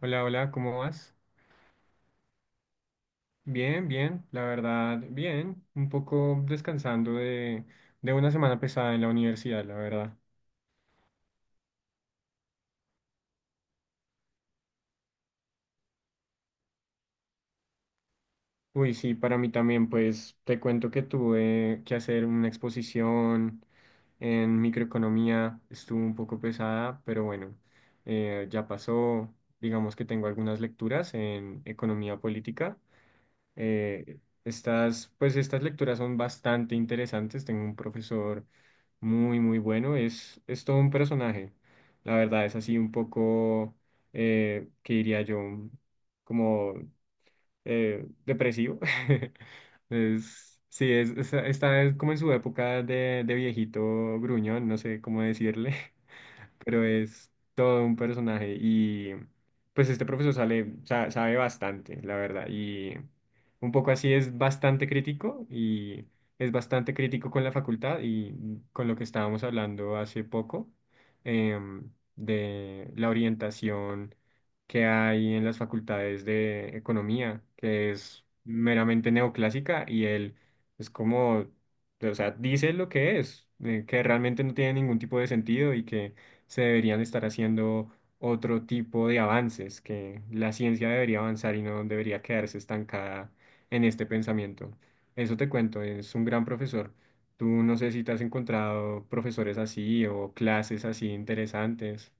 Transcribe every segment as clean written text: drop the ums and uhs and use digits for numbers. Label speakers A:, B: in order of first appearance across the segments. A: Hola, hola, ¿cómo vas? Bien, bien, la verdad, bien. Un poco descansando de una semana pesada en la universidad, la verdad. Uy, sí, para mí también, pues te cuento que tuve que hacer una exposición en microeconomía. Estuvo un poco pesada, pero bueno, ya pasó. Digamos que tengo algunas lecturas en economía política. Estas lecturas son bastante interesantes. Tengo un profesor muy, muy bueno. Es todo un personaje. La verdad es así un poco, que diría yo, como depresivo. Es, sí, está como en su época de viejito gruñón, no sé cómo decirle, pero es todo un personaje. Y pues este profesor sabe bastante, la verdad, y un poco así, es bastante crítico. Y es bastante crítico con la facultad y con lo que estábamos hablando hace poco, em, de la orientación que hay en las facultades de economía, que es meramente neoclásica. Y él es como, o sea, dice lo que es, que realmente no tiene ningún tipo de sentido y que se deberían estar haciendo otro tipo de avances, que la ciencia debería avanzar y no debería quedarse estancada en este pensamiento. Eso te cuento, es un gran profesor. Tú no sé si te has encontrado profesores así o clases así interesantes.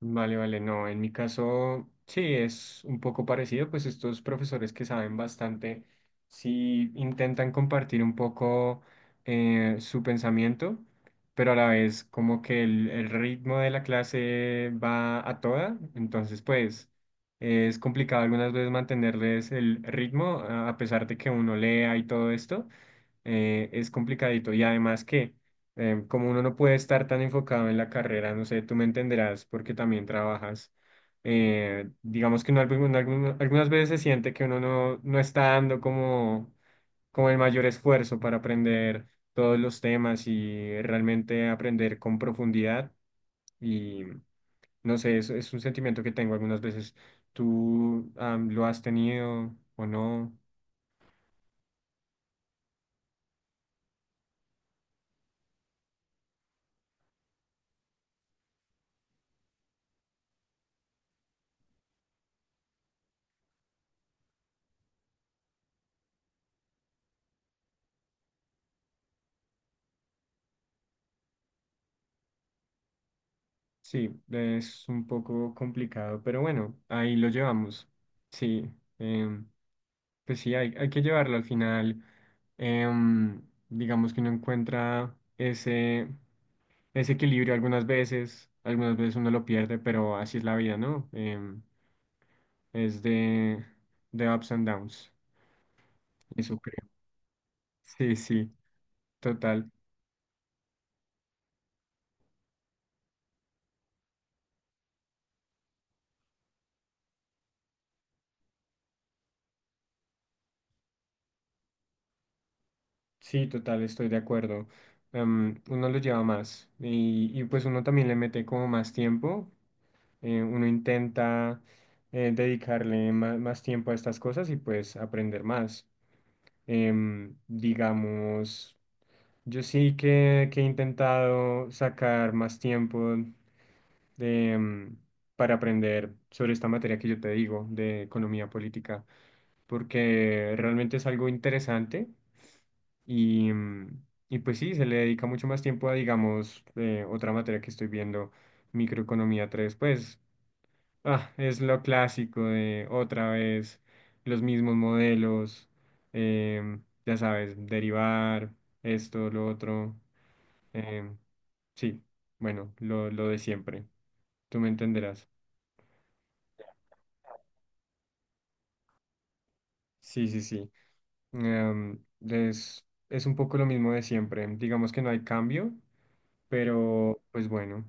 A: Vale, vale, no, en mi caso sí es un poco parecido. Pues estos profesores que saben bastante sí intentan compartir un poco su pensamiento, pero a la vez como que el ritmo de la clase va a toda, entonces pues es complicado algunas veces mantenerles el ritmo, a pesar de que uno lea y todo esto, es complicadito. Y además que, como uno no puede estar tan enfocado en la carrera, no sé, tú me entenderás porque también trabajas. Digamos que uno algunas veces se siente que uno no, no está dando como, como el mayor esfuerzo para aprender todos los temas y realmente aprender con profundidad. Y no sé, es un sentimiento que tengo algunas veces. ¿Tú, lo has tenido o no? Sí, es un poco complicado, pero bueno, ahí lo llevamos. Sí, em, pues sí, hay que llevarlo al final. em, digamos que uno encuentra ese, ese equilibrio algunas veces uno lo pierde, pero así es la vida, ¿no? Em, es de ups and downs, eso creo. Sí, sí, total. Sí, total, estoy de acuerdo. Uno lo lleva más y pues uno también le mete como más tiempo. Uno intenta dedicarle más tiempo a estas cosas y pues aprender más. Em, digamos, yo sí que he intentado sacar más tiempo de, para aprender sobre esta materia que yo te digo, de economía política, porque realmente es algo interesante. Y, y pues sí, se le dedica mucho más tiempo a, digamos, otra materia que estoy viendo, microeconomía tres. Pues ah, es lo clásico de otra vez, los mismos modelos, ya sabes, derivar, esto, lo otro. em, sí, bueno, lo de siempre. Tú me entenderás. Sí, sí, sí. Em, es un poco lo mismo de siempre. Digamos que no hay cambio, pero pues bueno,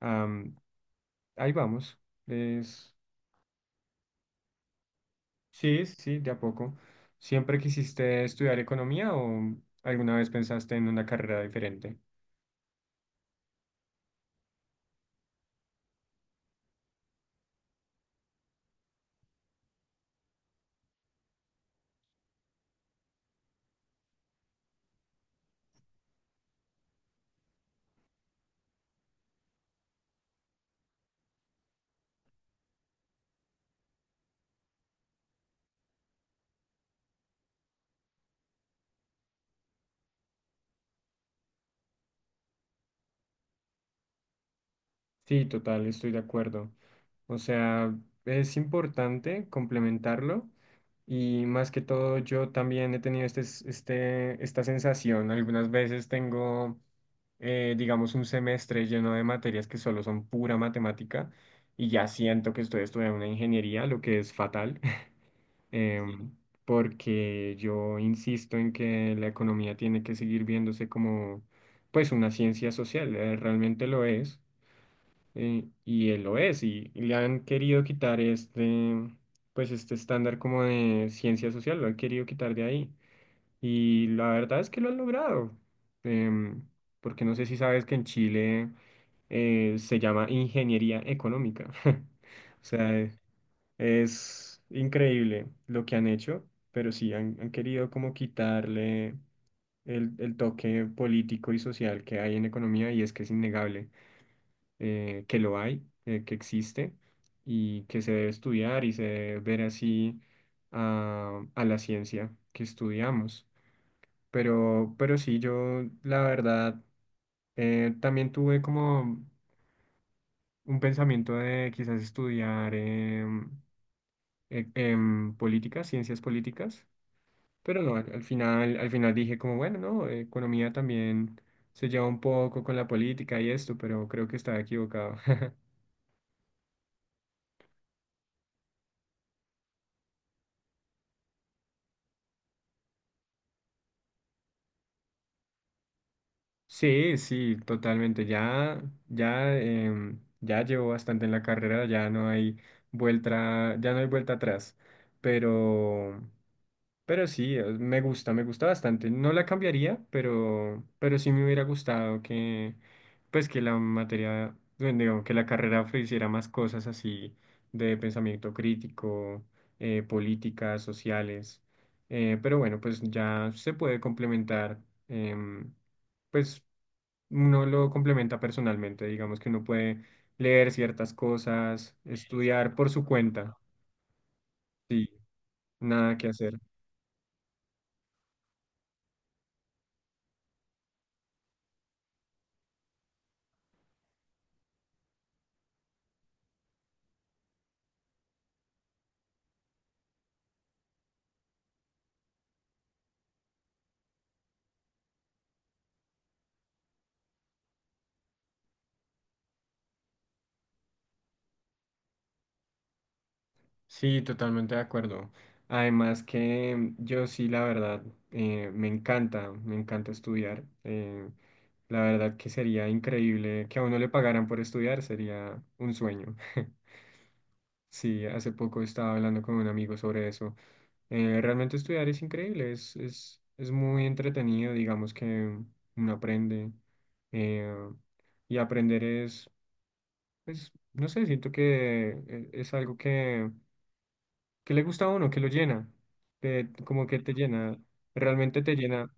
A: am, ahí vamos. Es. Sí, sí, sí, de a poco. ¿Siempre quisiste estudiar economía o alguna vez pensaste en una carrera diferente? Sí, total, estoy de acuerdo. O sea, es importante complementarlo. Y más que todo yo también he tenido este, esta sensación. Algunas veces tengo, digamos, un semestre lleno de materias que solo son pura matemática y ya siento que estoy estudiando una ingeniería, lo que es fatal. em, Porque yo insisto en que la economía tiene que seguir viéndose como pues una ciencia social, realmente lo es, y él lo es. Y, y le han querido quitar este, pues este estándar como de ciencia social, lo han querido quitar de ahí, y la verdad es que lo han logrado, em, porque no sé si sabes que en Chile se llama ingeniería económica. O sea... es increíble lo que han hecho, pero sí han, han querido como quitarle el toque político y social que hay en economía. Y es que es innegable, que lo hay, que existe y que se debe estudiar y se debe ver así a la ciencia que estudiamos. Pero sí, yo la verdad también tuve como un pensamiento de quizás estudiar políticas, ciencias políticas. Pero no, al, al final dije como, bueno, no, economía también se lleva un poco con la política y esto, pero creo que estaba equivocado. Sí, sí, totalmente. Ya, ya, ya llevo bastante en la carrera, ya no hay vuelta, ya no hay vuelta atrás. Pero, Pero sí, me gusta bastante. No la cambiaría, pero sí me hubiera gustado que, pues que la materia, bueno, digo, que la carrera ofreciera más cosas así de pensamiento crítico, políticas, sociales. Pero bueno, pues ya se puede complementar. em, pues uno lo complementa personalmente, digamos que uno puede leer ciertas cosas, estudiar por su cuenta, sí, nada que hacer. Sí, totalmente de acuerdo. Además que yo sí, la verdad, me encanta estudiar. La verdad que sería increíble que a uno le pagaran por estudiar, sería un sueño. Sí, hace poco estaba hablando con un amigo sobre eso. Realmente estudiar es increíble, es muy entretenido, digamos que uno aprende. eh, y aprender es, pues, no sé, siento que es algo que... ¿Qué le gusta a uno? ¿Qué lo llena? Como que te llena, realmente te llena,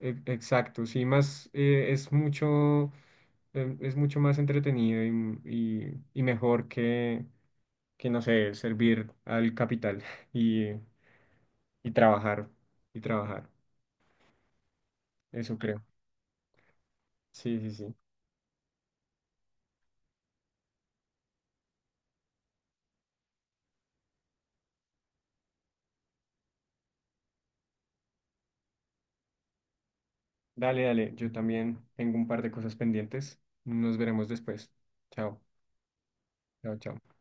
A: exacto, sí, más es mucho más entretenido y, y mejor que, no sé, servir al capital y, y trabajar, y trabajar, eso creo. Sí, sí, sí. Dale, dale, yo también tengo un par de cosas pendientes. Nos veremos después. Chao, chao, chao.